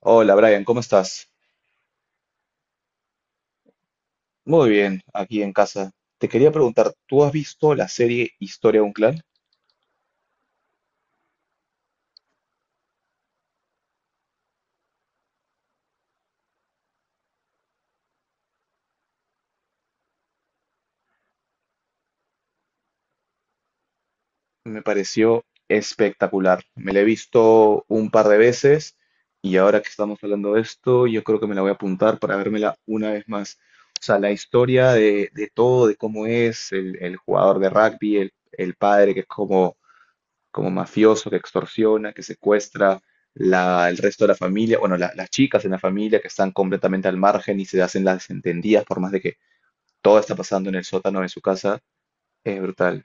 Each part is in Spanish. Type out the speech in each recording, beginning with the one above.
Hola Brian, ¿cómo estás? Muy bien, aquí en casa. Te quería preguntar, ¿tú has visto la serie Historia de un clan? Me pareció espectacular. Me la he visto un par de veces y ahora que estamos hablando de esto, yo creo que me la voy a apuntar para vérmela una vez más. O sea, la historia de todo, de cómo es el jugador de rugby, el padre que es como mafioso que extorsiona, que secuestra el resto de la familia, bueno, las chicas en la familia que están completamente al margen y se hacen las desentendidas por más de que todo está pasando en el sótano de su casa, es brutal.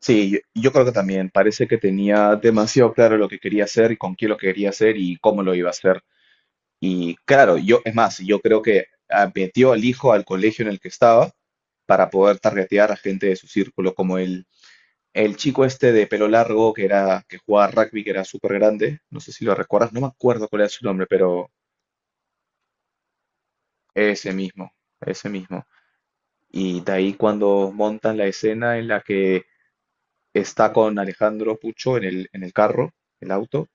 Sí, yo creo que también parece que tenía demasiado claro lo que quería hacer y con quién lo quería hacer y cómo lo iba a hacer. Y claro, yo, es más, yo creo que metió al hijo al colegio en el que estaba para poder targetear a gente de su círculo como él. El chico este de pelo largo que era, que jugaba rugby, que era súper grande, no sé si lo recuerdas, no me acuerdo cuál era su nombre, pero ese mismo, ese mismo. Y de ahí cuando montan la escena en la que está con Alejandro Pucho en el carro, el auto,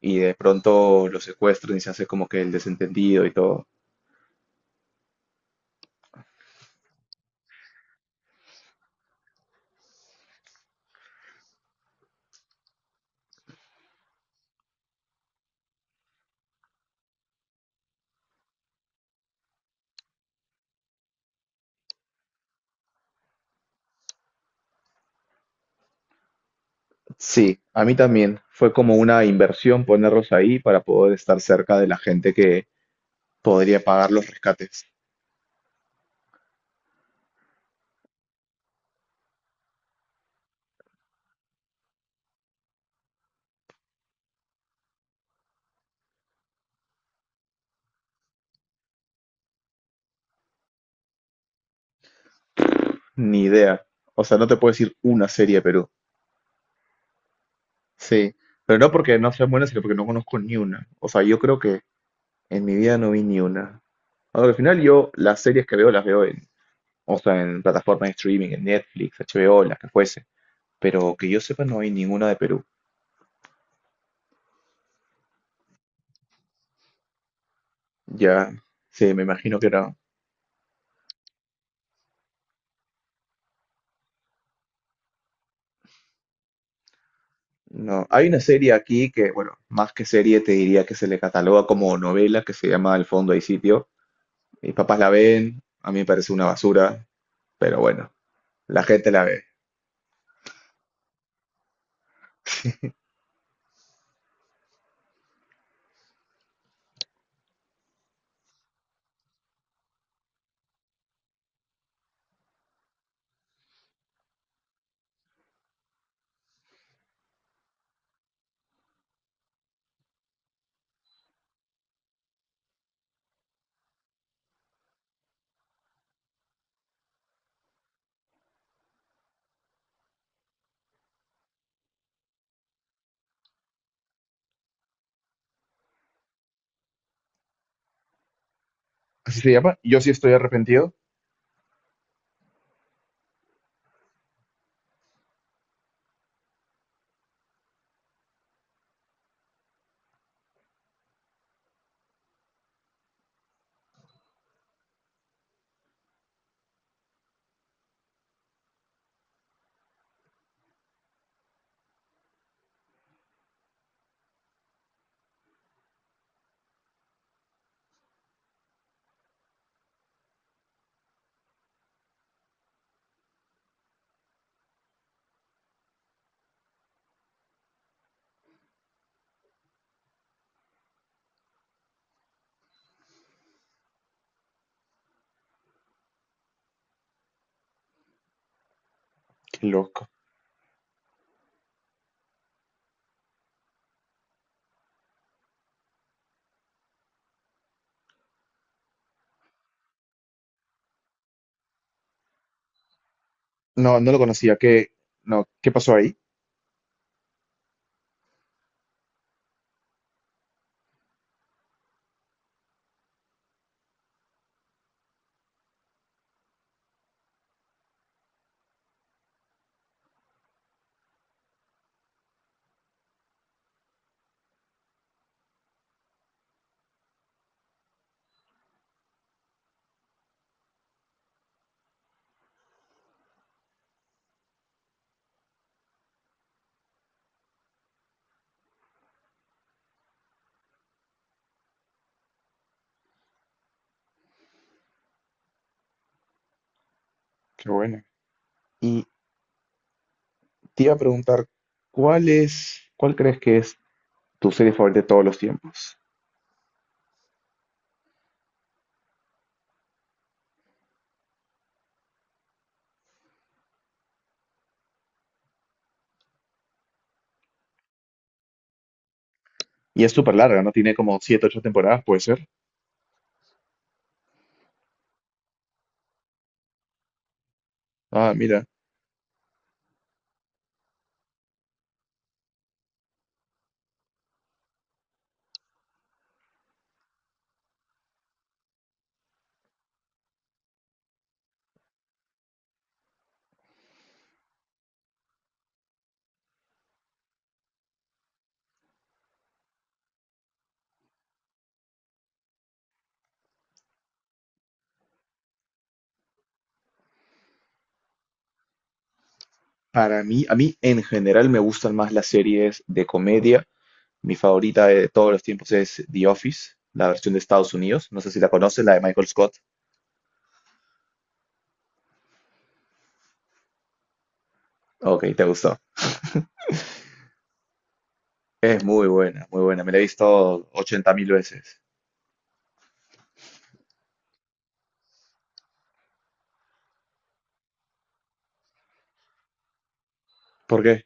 y de pronto lo secuestran y se hace como que el desentendido y todo. Sí, a mí también fue como una inversión ponerlos ahí para poder estar cerca de la gente que podría pagar los rescates. Ni idea. O sea, no te puedo decir una serie, Perú. Sí, pero no porque no sean buenas, sino porque no conozco ni una. O sea, yo creo que en mi vida no vi ni una. Ahora, al final yo las series que veo las veo en, o sea, en plataformas de streaming, en Netflix, HBO, las que fuese. Pero que yo sepa no hay ninguna de Perú. Ya, sí, me imagino que era. No, hay una serie aquí que, bueno, más que serie te diría que se le cataloga como novela que se llama Al fondo hay sitio. Mis papás la ven, a mí me parece una basura, pero bueno, la gente la ve. ¿Así se llama? Yo sí estoy arrepentido. Qué loco. No, no lo conocía. ¿Qué, no, qué pasó ahí? Qué bueno. Y te iba a preguntar, ¿cuál es, cuál crees que es tu serie favorita de todos los tiempos? Y es súper larga, ¿no? Tiene como siete, ocho temporadas, puede ser. Ah, mira. Para mí, a mí en general me gustan más las series de comedia. Mi favorita de todos los tiempos es The Office, la versión de Estados Unidos. No sé si la conoces, la de Michael Scott. Ok, te gustó. Es muy buena, muy buena. Me la he visto 80.000 veces. ¿Por qué?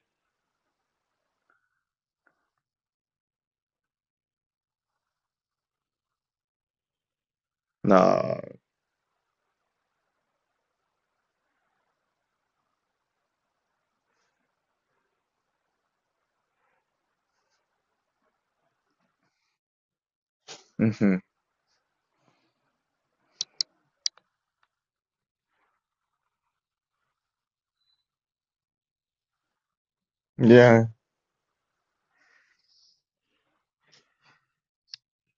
No. Ujú. Ya,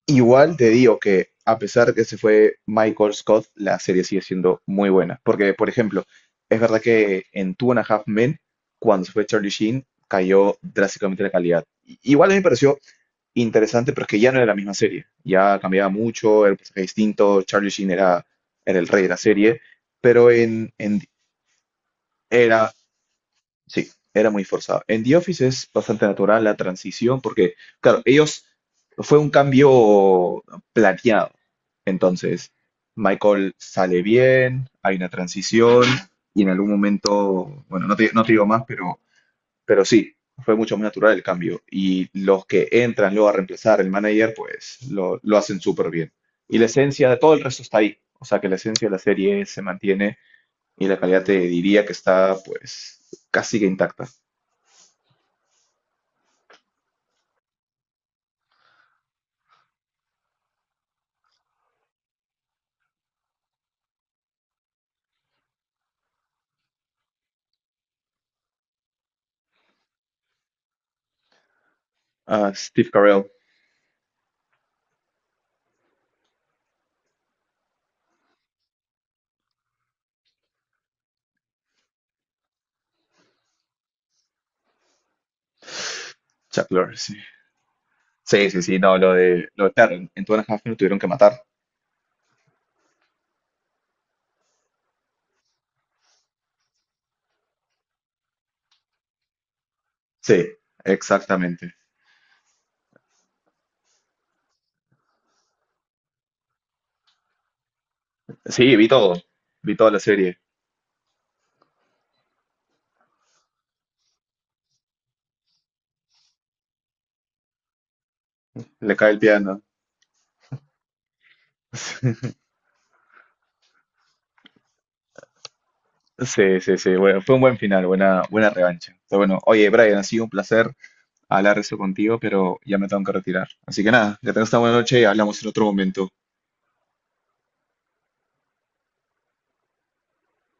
igual te digo que a pesar que se fue Michael Scott, la serie sigue siendo muy buena. Porque, por ejemplo, es verdad que en Two and a Half Men, cuando se fue Charlie Sheen, cayó drásticamente la calidad. I- Igual a mí me pareció interesante, pero es que ya no era la misma serie. Ya cambiaba mucho, era un personaje distinto, Charlie Sheen era, era el rey de la serie, pero en- era Sí, era muy forzado. En The Office es bastante natural la transición porque, claro, ellos fue un cambio planeado. Entonces, Michael sale bien, hay una transición y en algún momento, bueno, no te digo más, pero sí, fue mucho más natural el cambio. Y los que entran luego a reemplazar el manager, pues lo hacen súper bien. Y la esencia de todo el resto está ahí. O sea que la esencia de la serie se mantiene y la calidad te diría que está pues casi que intacta. Ah, Steve Carell, Chuck Lorre, sí. Sí, sí, sí, no, lo de claro, en Two and a Half Men lo tuvieron que matar. Sí, exactamente. Sí, vi todo, vi toda la serie. Le cae el piano. Sí, sí, sí, bueno, fue un buen final, buena, buena revancha. Pero bueno, oye, Brian, ha sido un placer hablar de eso contigo, pero ya me tengo que retirar. Así que nada, que tengas una buena noche y hablamos en otro momento.